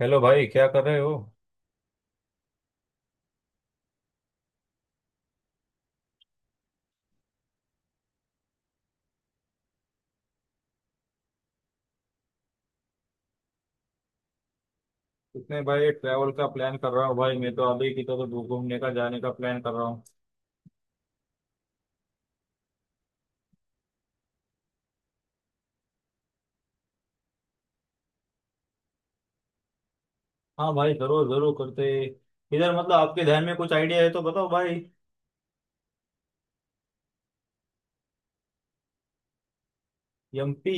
Hello भाई, क्या कर रहे हो? इसमें भाई ट्रैवल का प्लान कर रहा हूँ भाई। मैं तो अभी की तो घूमने का जाने का प्लान कर रहा हूँ। हाँ भाई, जरूर जरूर करते हैं। इधर मतलब आपके ध्यान में कुछ आइडिया है तो बताओ भाई। एमपी?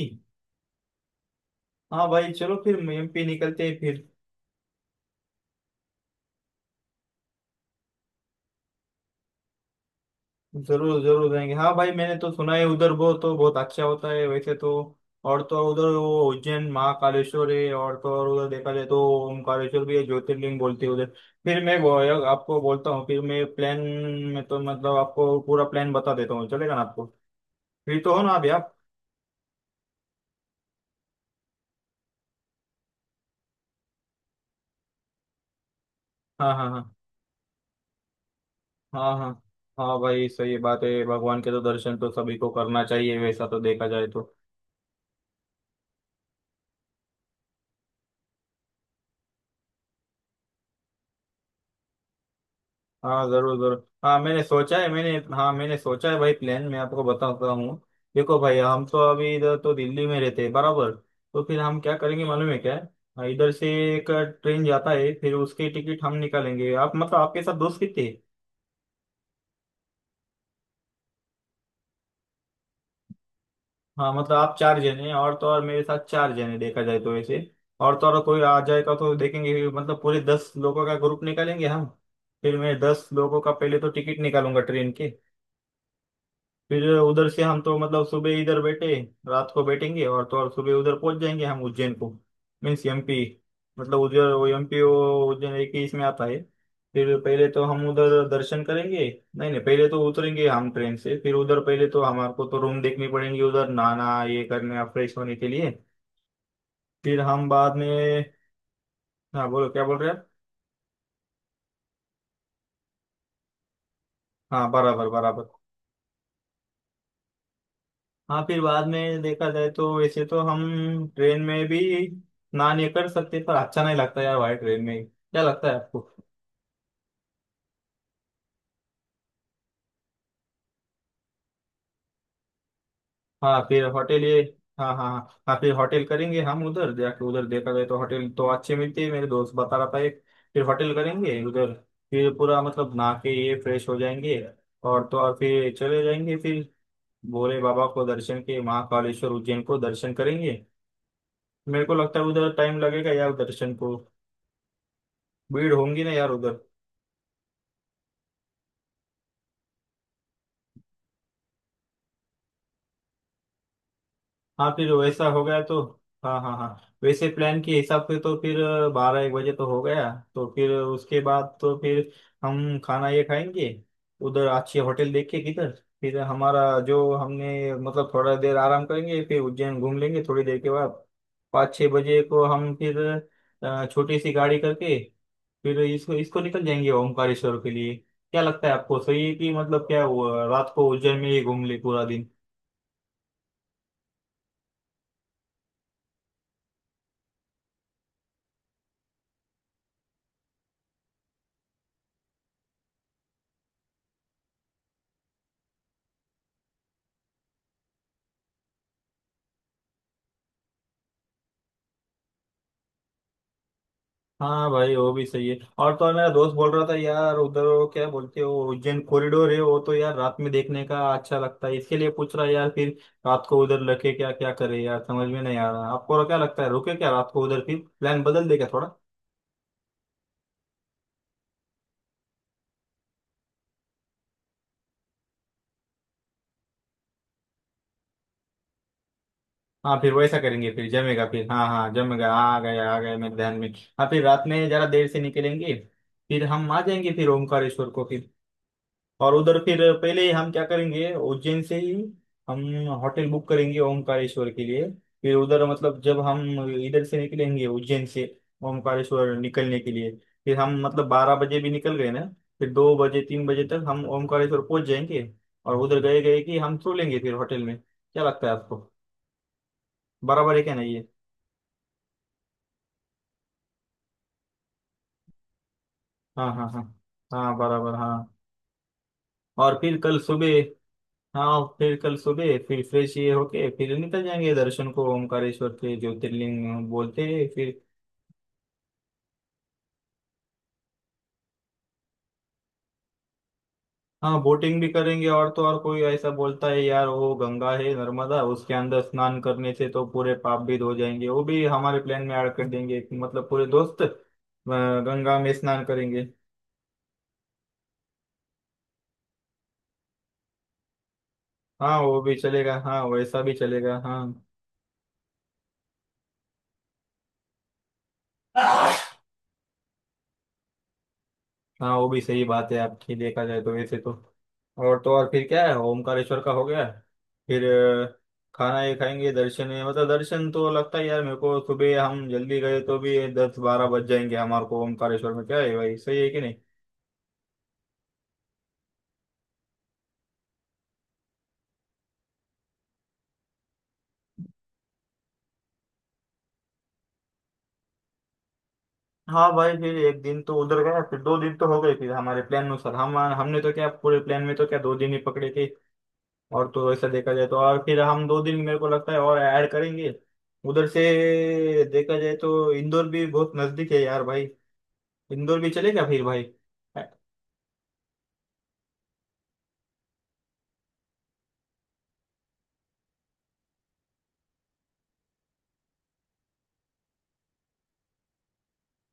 हाँ भाई, चलो फिर एमपी निकलते हैं फिर। जरूर जरूर जाएंगे। हाँ भाई, मैंने तो सुना है उधर वो तो बहुत अच्छा होता है वैसे तो। और तो और उधर वो उज्जैन महाकालेश्वर है, और तो और उधर देखा जाए तो ओमकारेश्वर भी है, ज्योतिर्लिंग बोलते हैं उधर। फिर मैं वो आपको बोलता हूँ, फिर मैं प्लान में तो मतलब आपको पूरा प्लान बता देता हूँ, चलेगा ना आपको? फ्री तो हो ना अभी आप? हाँ हाँ हाँ। हाँ हाँ। हाँ भाई, सही बात है, भगवान के तो दर्शन तो सभी को करना चाहिए वैसा तो देखा जाए तो। हाँ जरूर जरूर, हाँ मैंने सोचा है मैंने। हाँ मैंने सोचा है भाई, प्लान मैं आपको बताता हूँ। देखो भाई, हम तो अभी इधर तो दिल्ली में रहते हैं बराबर। तो फिर हम क्या करेंगे मालूम है क्या? हाँ, इधर से एक ट्रेन जाता है, फिर उसकी टिकट हम निकालेंगे। आप मतलब आपके साथ दोस्त कितने हैं? हाँ मतलब आप चार जने हैं, और तो और मेरे साथ चार जने देखा जाए तो वैसे। और तो और कोई आ जाएगा तो देखेंगे, मतलब पूरे 10 लोगों का ग्रुप निकालेंगे हम। फिर मैं 10 लोगों का पहले तो टिकट निकालूंगा ट्रेन के। फिर उधर से हम तो मतलब सुबह इधर बैठे, रात को बैठेंगे और तो और सुबह उधर पहुंच जाएंगे हम उज्जैन को। Means MP. मतलब उधर वो एमपी वो उज्जैन एक ही इसमें आता है। फिर पहले तो हम उधर दर्शन करेंगे। नहीं नहीं, पहले तो उतरेंगे हम ट्रेन से, फिर उधर पहले तो हमारे को तो रूम देखनी पड़ेंगे उधर, नहाना ये करना फ्रेश होने के लिए। फिर हम बाद में। हाँ बोलो, क्या बोल रहे हैं आप? हाँ बराबर बराबर। हाँ फिर बाद में देखा जाए तो वैसे तो हम ट्रेन में भी ना नहीं कर सकते पर अच्छा नहीं लगता यार भाई, ट्रेन में क्या लगता है आपको? हाँ फिर होटल ये, हाँ हाँ हाँ हाँ, फिर होटल करेंगे हम उधर जाके, उधर देखा जाए तो होटल तो अच्छे मिलते हैं, मेरे दोस्त बता रहा था एक। फिर होटल करेंगे उधर। फिर पूरा मतलब नहा के ये फ्रेश हो जाएंगे, और तो और फिर चले जाएंगे फिर भोले बाबा को दर्शन के, महाकालेश्वर उज्जैन को दर्शन करेंगे। मेरे को लगता है उधर टाइम लगेगा यार दर्शन को। भीड़ होंगी ना यार उधर। हाँ फिर वैसा हो गया तो। हाँ हाँ हाँ। वैसे प्लान के हिसाब से तो फिर 12-1 बजे तो हो गया, तो फिर उसके बाद तो फिर हम खाना ये खाएंगे उधर अच्छे होटल देख के किधर। फिर हमारा जो हमने मतलब थोड़ा देर आराम करेंगे, फिर उज्जैन घूम लेंगे थोड़ी देर के बाद। 5-6 बजे को हम फिर छोटी सी गाड़ी करके फिर इसको इसको निकल जाएंगे ओमकारेश्वर के लिए। क्या लगता है आपको, सही है कि मतलब क्या हुआ, रात को उज्जैन में ही घूम ले पूरा दिन? हाँ भाई, वो भी सही है, और तो और मेरा दोस्त बोल रहा था यार उधर वो क्या बोलते हो उज्जैन कॉरिडोर है वो, तो यार रात में देखने का अच्छा लगता है, इसके लिए पूछ रहा है यार फिर। रात को उधर लगे क्या क्या करे यार, समझ में नहीं आ रहा, आपको क्या लगता है, रुके क्या रात को उधर, फिर प्लान बदल देगा थोड़ा। हाँ फिर वैसा करेंगे फिर जमेगा फिर, हाँ हाँ जमेगा, आ गया मेरे ध्यान में। हाँ फिर रात में जरा देर से निकलेंगे, फिर हम आ जाएंगे फिर ओमकारेश्वर को फिर, और उधर फिर पहले ही हम क्या करेंगे, उज्जैन से ही हम होटल बुक करेंगे ओमकारेश्वर के लिए। फिर उधर मतलब जब हम इधर से निकलेंगे उज्जैन से ओमकारेश्वर निकलने के लिए, फिर हम मतलब 12 बजे भी निकल गए ना, फिर 2 बजे 3 बजे तक हम ओमकारेश्वर पहुंच जाएंगे, और उधर गए गए कि हम सो लेंगे फिर होटल में, क्या लगता है आपको? बराबर है क्या नहीं ये? हाँ हाँ हाँ हाँ बराबर हाँ। और फिर कल सुबह, हाँ फिर कल सुबह फिर फ्रेश ये होके फिर निकल जाएंगे दर्शन को ओमकारेश्वर के, ज्योतिर्लिंग बोलते हैं फिर। हाँ बोटिंग भी करेंगे, और तो और कोई ऐसा बोलता है यार वो गंगा है नर्मदा, उसके अंदर स्नान करने से तो पूरे पाप भी धो जाएंगे, वो भी हमारे प्लान में ऐड कर देंगे कि मतलब पूरे दोस्त गंगा में स्नान करेंगे। हाँ वो भी चलेगा, हाँ वैसा भी चलेगा। हाँ हाँ वो भी सही बात है आपकी, देखा जाए तो वैसे तो। और तो और फिर क्या है, ओमकारेश्वर का हो गया फिर खाना ये खाएंगे, दर्शन है मतलब, दर्शन तो लगता है यार मेरे को सुबह हम जल्दी गए तो भी 10-12 बज जाएंगे हमारे को ओमकारेश्वर में, क्या है भाई सही है कि नहीं? हाँ भाई फिर एक दिन तो उधर गया फिर 2 दिन तो हो गए, फिर हमारे प्लान अनुसार हम, हमने तो क्या पूरे प्लान में तो क्या 2 दिन ही पकड़े थे, और तो ऐसा देखा जाए तो और फिर हम 2 दिन मेरे को लगता है और ऐड करेंगे उधर से। देखा जाए तो इंदौर भी बहुत नजदीक है यार भाई, इंदौर भी चलेगा फिर भाई।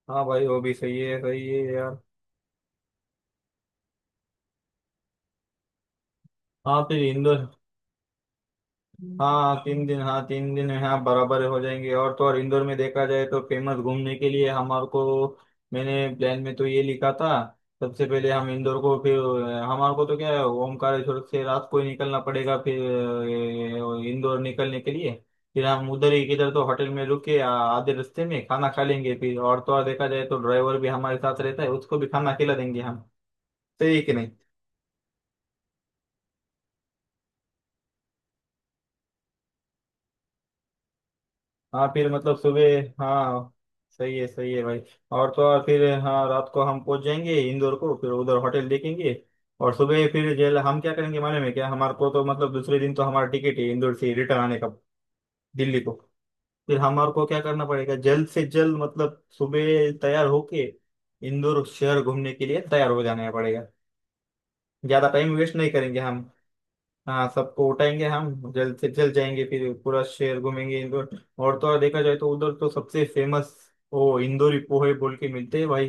हाँ भाई वो भी सही है, सही है यार। हाँ फिर इंदौर। हाँ 3 दिन, हाँ 3 दिन है हाँ, बराबर हो जाएंगे, और तो और इंदौर में देखा जाए तो फेमस घूमने के लिए हमारे को। मैंने प्लान में तो ये लिखा था, सबसे पहले हम इंदौर को फिर, हमारे को तो क्या है ओमकारेश्वर से रात को ही निकलना पड़ेगा फिर इंदौर निकलने के लिए। फिर हम उधर ही किधर तो होटल में रुके, आधे रास्ते में खाना खा लेंगे फिर, और तो और देखा जाए तो ड्राइवर भी हमारे साथ रहता है, उसको भी खाना खिला देंगे हम, सही है कि नहीं? हाँ फिर मतलब सुबह, हाँ सही है भाई। और तो और फिर हाँ रात को हम पहुंच जाएंगे इंदौर को, फिर उधर होटल देखेंगे। और सुबह फिर जेल हम क्या करेंगे मालूम है क्या, हमारे को तो मतलब दूसरे दिन तो हमारा टिकट है इंदौर से रिटर्न आने का दिल्ली को, फिर हमारे को क्या करना पड़ेगा जल्द से जल्द, मतलब सुबह तैयार होके इंदौर शहर घूमने के लिए तैयार हो जाना पड़ेगा। ज्यादा टाइम वेस्ट नहीं करेंगे हम। हाँ सबको उठाएंगे हम जल्द से जल्द जाएंगे फिर पूरा शहर घूमेंगे इंदौर। और तो और देखा जाए तो उधर तो सबसे फेमस वो इंदौरी पोहे बोल के मिलते हैं भाई।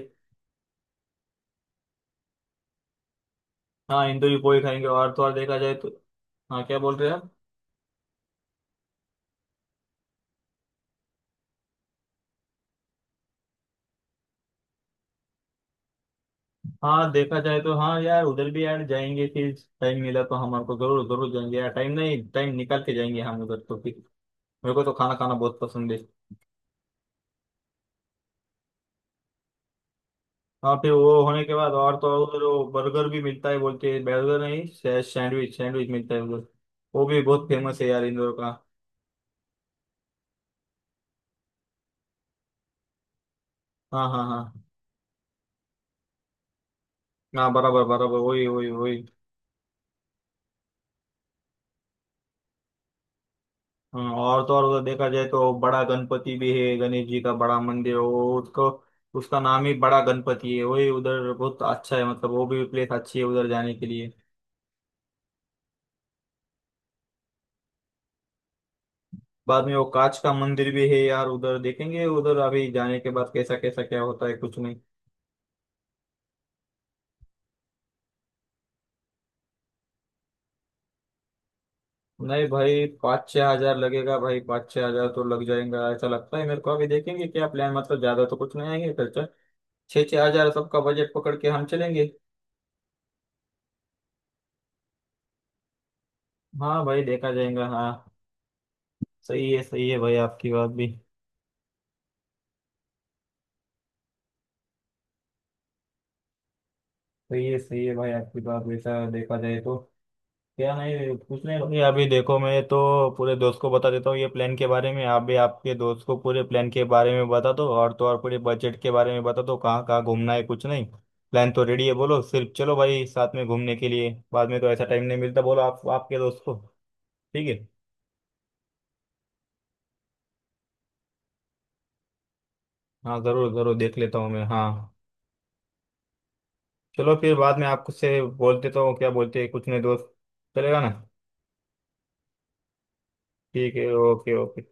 हाँ इंदौरी पोहे खाएंगे, और तो और देखा जाए तो। हाँ क्या बोल रहे हैं आप? हाँ देखा जाए तो हाँ यार उधर भी यार जाएंगे फिर टाइम मिला तो, हमारे को जरूर जरूर जाएंगे यार, टाइम नहीं टाइम निकाल के जाएंगे हम उधर तो फिर। मेरे को तो खाना खाना बहुत पसंद है। हाँ फिर वो होने के बाद और तो और उधर वो बर्गर भी मिलता है बोलते हैं, बर्गर नहीं सैंडविच सैंडविच मिलता है उधर, वो भी बहुत फेमस है यार इंदौर का। हाँ हाँ हाँ हाँ बराबर बराबर वही वही वही। हाँ, और तो और उधर देखा जाए तो बड़ा गणपति भी है, गणेश जी का बड़ा मंदिर वो, उसको उसका नाम ही बड़ा गणपति है, वही उधर बहुत अच्छा है, मतलब वो भी प्लेस अच्छी है उधर जाने के लिए। बाद में वो कांच का मंदिर भी है यार उधर देखेंगे उधर, अभी जाने के बाद कैसा कैसा क्या होता है कुछ नहीं। नहीं भाई 5-6 हजार लगेगा भाई, 5-6 हजार तो लग जाएगा ऐसा लगता है मेरे को, अभी देखेंगे क्या प्लान, मतलब ज्यादा तो कुछ नहीं आएंगे खर्चा। छः छः हजार सबका बजट पकड़ के हम चलेंगे। हाँ भाई देखा जाएगा हाँ। सही है भाई आपकी बात भी सही है, सही है भाई आपकी बात, वैसा देखा जाए तो क्या, नहीं कुछ नहीं भाई, अभी देखो मैं तो पूरे दोस्त को बता देता हूँ ये प्लान के बारे में, आप भी आपके दोस्त को पूरे प्लान के बारे में बता दो, और तो और पूरे बजट के बारे में बता दो, कहाँ कहाँ घूमना है कुछ नहीं। प्लान तो रेडी है, बोलो सिर्फ चलो भाई साथ में घूमने के लिए, बाद में तो ऐसा टाइम नहीं मिलता, बोलो आप आपके दोस्त को। ठीक है? हाँ ज़रूर ज़रूर देख लेता हूँ मैं, हाँ। चलो फिर बाद में आपसे बोल देता हूँ क्या बोलते हैं कुछ नहीं दोस्त, चलेगा ना? ठीक है। Okay okay.